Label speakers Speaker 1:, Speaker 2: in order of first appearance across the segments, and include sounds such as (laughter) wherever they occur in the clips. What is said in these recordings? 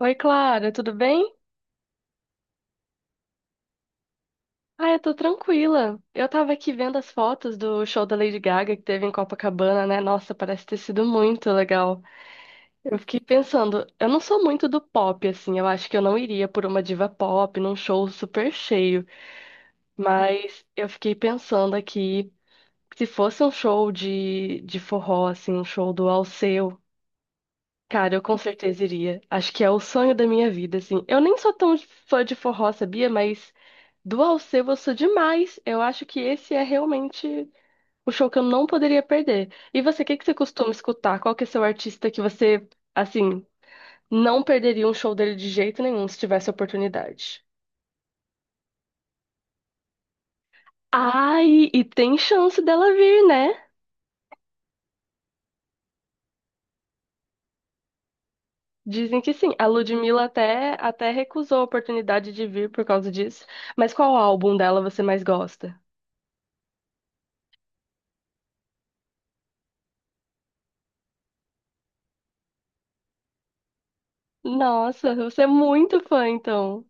Speaker 1: Oi, Clara, tudo bem? Ah, eu tô tranquila. Eu tava aqui vendo as fotos do show da Lady Gaga que teve em Copacabana, né? Nossa, parece ter sido muito legal. Eu fiquei pensando, eu não sou muito do pop, assim, eu acho que eu não iria por uma diva pop num show super cheio, mas eu fiquei pensando aqui, se fosse um show de forró, assim, um show do Alceu. Cara, eu com certeza iria. Acho que é o sonho da minha vida, assim. Eu nem sou tão fã de forró, sabia? Mas do Alceu eu sou demais. Eu acho que esse é realmente o show que eu não poderia perder. E você, o que que você costuma escutar? Qual que é seu artista que você, assim, não perderia um show dele de jeito nenhum se tivesse oportunidade? Ai, e tem chance dela vir, né? Dizem que sim. A Ludmilla até recusou a oportunidade de vir por causa disso. Mas qual álbum dela você mais gosta? Nossa, você é muito fã, então.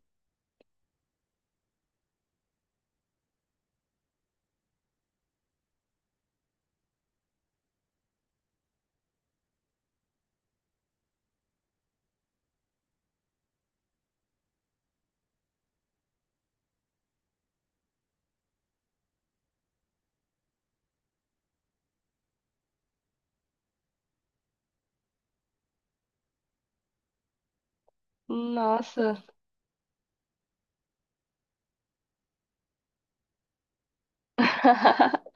Speaker 1: Nossa. (laughs)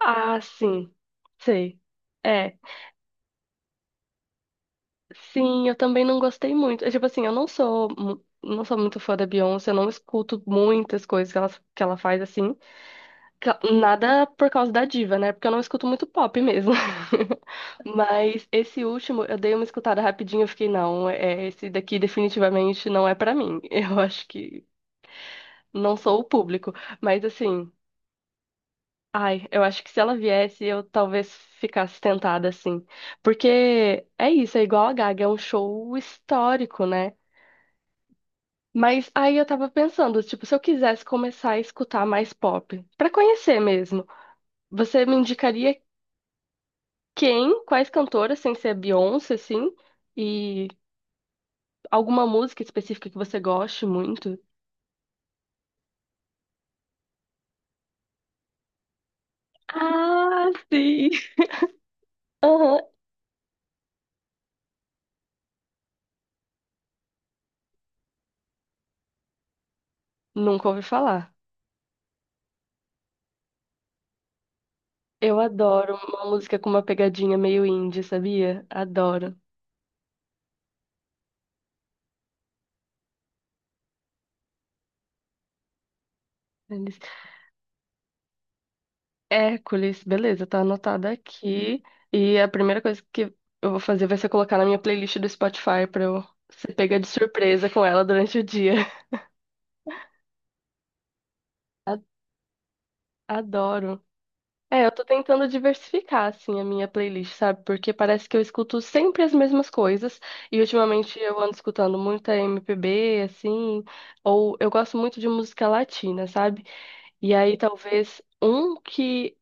Speaker 1: Ah, sim. Sei. É. Sim, eu também não gostei muito. É, tipo assim, eu não sou, não sou muito fã da Beyoncé, eu não escuto muitas coisas que ela faz assim. Nada por causa da diva, né? Porque eu não escuto muito pop mesmo. (laughs) Mas esse último, eu dei uma escutada rapidinho, eu fiquei, não, é, esse daqui definitivamente não é pra mim. (laughs) Eu acho que não sou o público. Mas assim. Ai, eu acho que se ela viesse, eu talvez ficasse tentada, assim. Porque é isso, é igual a Gaga, é um show histórico, né? Mas aí eu tava pensando, tipo, se eu quisesse começar a escutar mais pop, pra conhecer mesmo, você me indicaria quem, quais cantoras, sem ser a Beyoncé, assim, e alguma música específica que você goste muito? Ah, sim. Aham, nunca ouvi falar. Eu adoro uma música com uma pegadinha meio indie, sabia? Adoro. Hércules, beleza, tá anotada aqui. E a primeira coisa que eu vou fazer vai ser colocar na minha playlist do Spotify pra eu ser pega de surpresa com ela durante o dia. (laughs) A- Adoro. É, eu tô tentando diversificar, assim, a minha playlist, sabe? Porque parece que eu escuto sempre as mesmas coisas. E ultimamente eu ando escutando muita MPB, assim. Ou eu gosto muito de música latina, sabe? E aí talvez um que.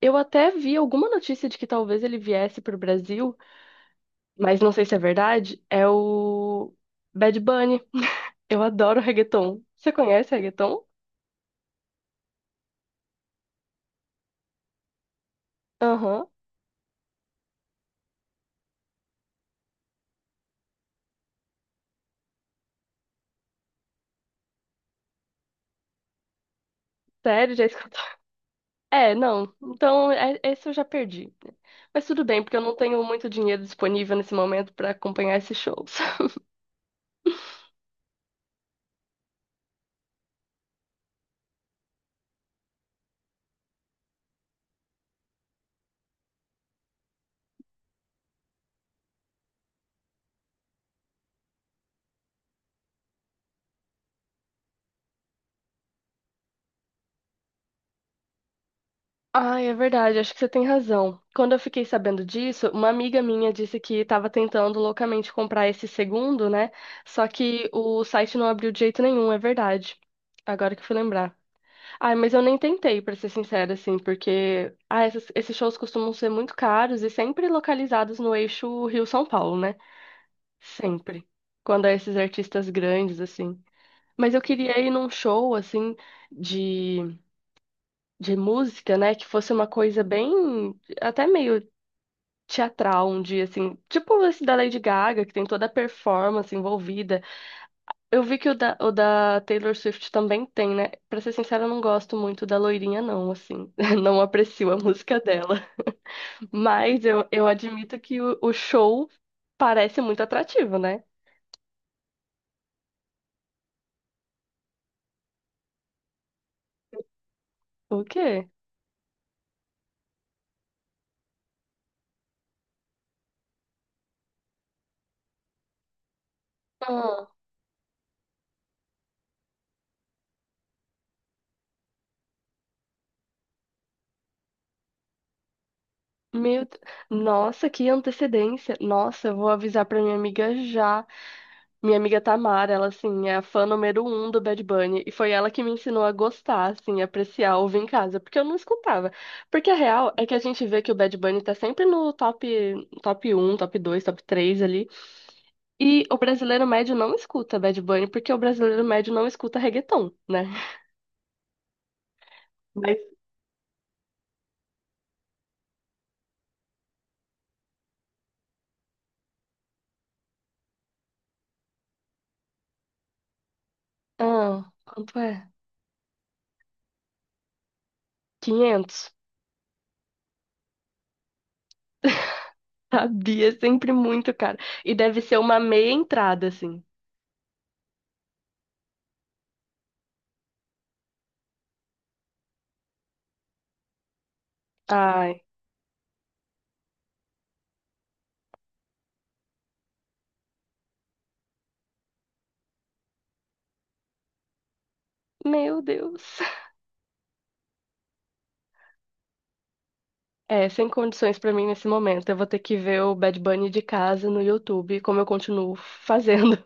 Speaker 1: Eu até vi alguma notícia de que talvez ele viesse pro Brasil, mas não sei se é verdade, é o Bad Bunny. Eu adoro reggaeton. Você conhece reggaeton? Aham. Sério, já escutou? (laughs) É, não. Então, esse eu já perdi. Mas tudo bem, porque eu não tenho muito dinheiro disponível nesse momento pra acompanhar esses shows. (laughs) Ai, é verdade, acho que você tem razão. Quando eu fiquei sabendo disso, uma amiga minha disse que estava tentando loucamente comprar esse segundo, né? Só que o site não abriu de jeito nenhum, é verdade. Agora que eu fui lembrar. Ai, mas eu nem tentei, pra ser sincera, assim, porque ah, esses shows costumam ser muito caros e sempre localizados no eixo Rio-São Paulo, né? Sempre. Quando é esses artistas grandes, assim. Mas eu queria ir num show, assim, de, de música, né? Que fosse uma coisa bem, até meio teatral um dia, assim. Tipo esse da Lady Gaga, que tem toda a performance envolvida. Eu vi que o da Taylor Swift também tem, né? Pra ser sincera, eu não gosto muito da loirinha, não, assim. (laughs) Não aprecio a música dela. Mas eu admito que o show parece muito atrativo, né? O quê? Ah, meu... Deus. Nossa, que antecedência. Nossa, eu vou avisar pra minha amiga já. Minha amiga Tamara, ela, assim, é a fã número um do Bad Bunny. E foi ela que me ensinou a gostar, assim, apreciar, ouvir em casa. Porque eu não escutava. Porque a real é que a gente vê que o Bad Bunny tá sempre no top, top um, top dois, top 3 ali. E o brasileiro médio não escuta Bad Bunny, porque o brasileiro médio não escuta reggaeton, né? Mas, ah, quanto é? 500. Sabia, (laughs) sempre muito caro. E deve ser uma meia entrada, assim. Ai, meu Deus. É, sem condições pra mim nesse momento. Eu vou ter que ver o Bad Bunny de casa no YouTube, como eu continuo fazendo.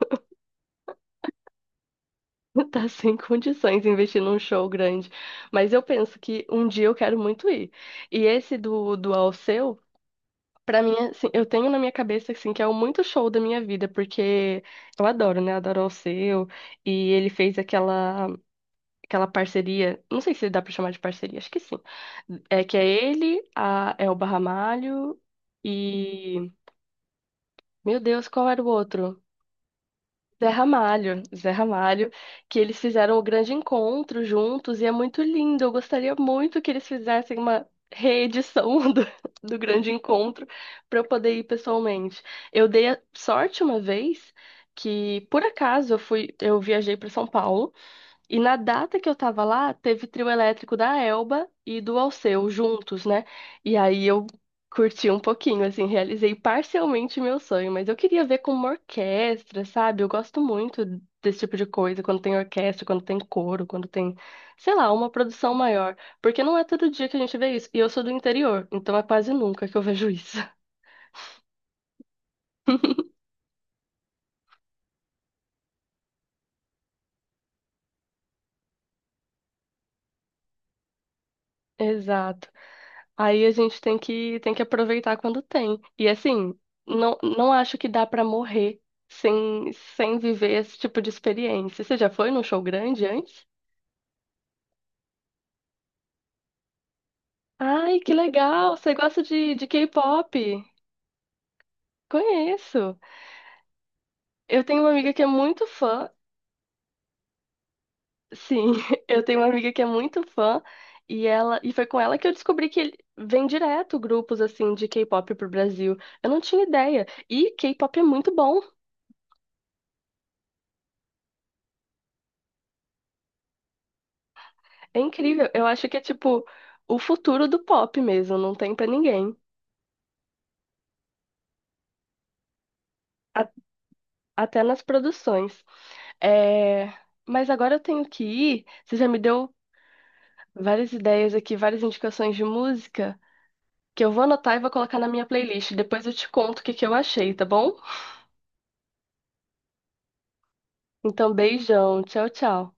Speaker 1: (laughs) Tá sem condições investir num show grande. Mas eu penso que um dia eu quero muito ir. E esse do Alceu, pra mim, assim, eu tenho na minha cabeça, assim, que é o muito show da minha vida, porque eu adoro, né? Adoro o Alceu. E ele fez aquela parceria, não sei se dá pra chamar de parceria, acho que sim. É que é ele, a Elba Ramalho e... Meu Deus, qual era o outro? Zé Ramalho, que eles fizeram o grande encontro juntos e é muito lindo. Eu gostaria muito que eles fizessem uma reedição do, (laughs) do grande encontro para eu poder ir pessoalmente. Eu dei a sorte uma vez que, por acaso, eu fui, eu viajei para São Paulo. E na data que eu tava lá, teve trio elétrico da Elba e do Alceu juntos, né? E aí eu curti um pouquinho, assim, realizei parcialmente meu sonho, mas eu queria ver com uma orquestra, sabe? Eu gosto muito desse tipo de coisa, quando tem orquestra, quando tem coro, quando tem, sei lá, uma produção maior, porque não é todo dia que a gente vê isso. E eu sou do interior, então é quase nunca que eu vejo isso. (laughs) Exato. Aí a gente tem que aproveitar quando tem. E assim, não, não acho que dá pra morrer sem, sem viver esse tipo de experiência. Você já foi num show grande antes? Ai, que legal! Você gosta de K-pop? Conheço. Eu tenho uma amiga que é muito fã. Sim, (laughs) eu tenho uma amiga que é muito fã. E ela, e foi com ela que eu descobri que ele vem direto grupos assim de K-pop pro Brasil. Eu não tinha ideia. E K-pop é muito bom. É incrível. Eu acho que é tipo o futuro do pop mesmo, não tem pra ninguém. A- Até nas produções. É, mas agora eu tenho que ir. Você já me deu várias ideias aqui, várias indicações de música que eu vou anotar e vou colocar na minha playlist. Depois eu te conto o que que eu achei, tá bom? Então, beijão. Tchau, tchau.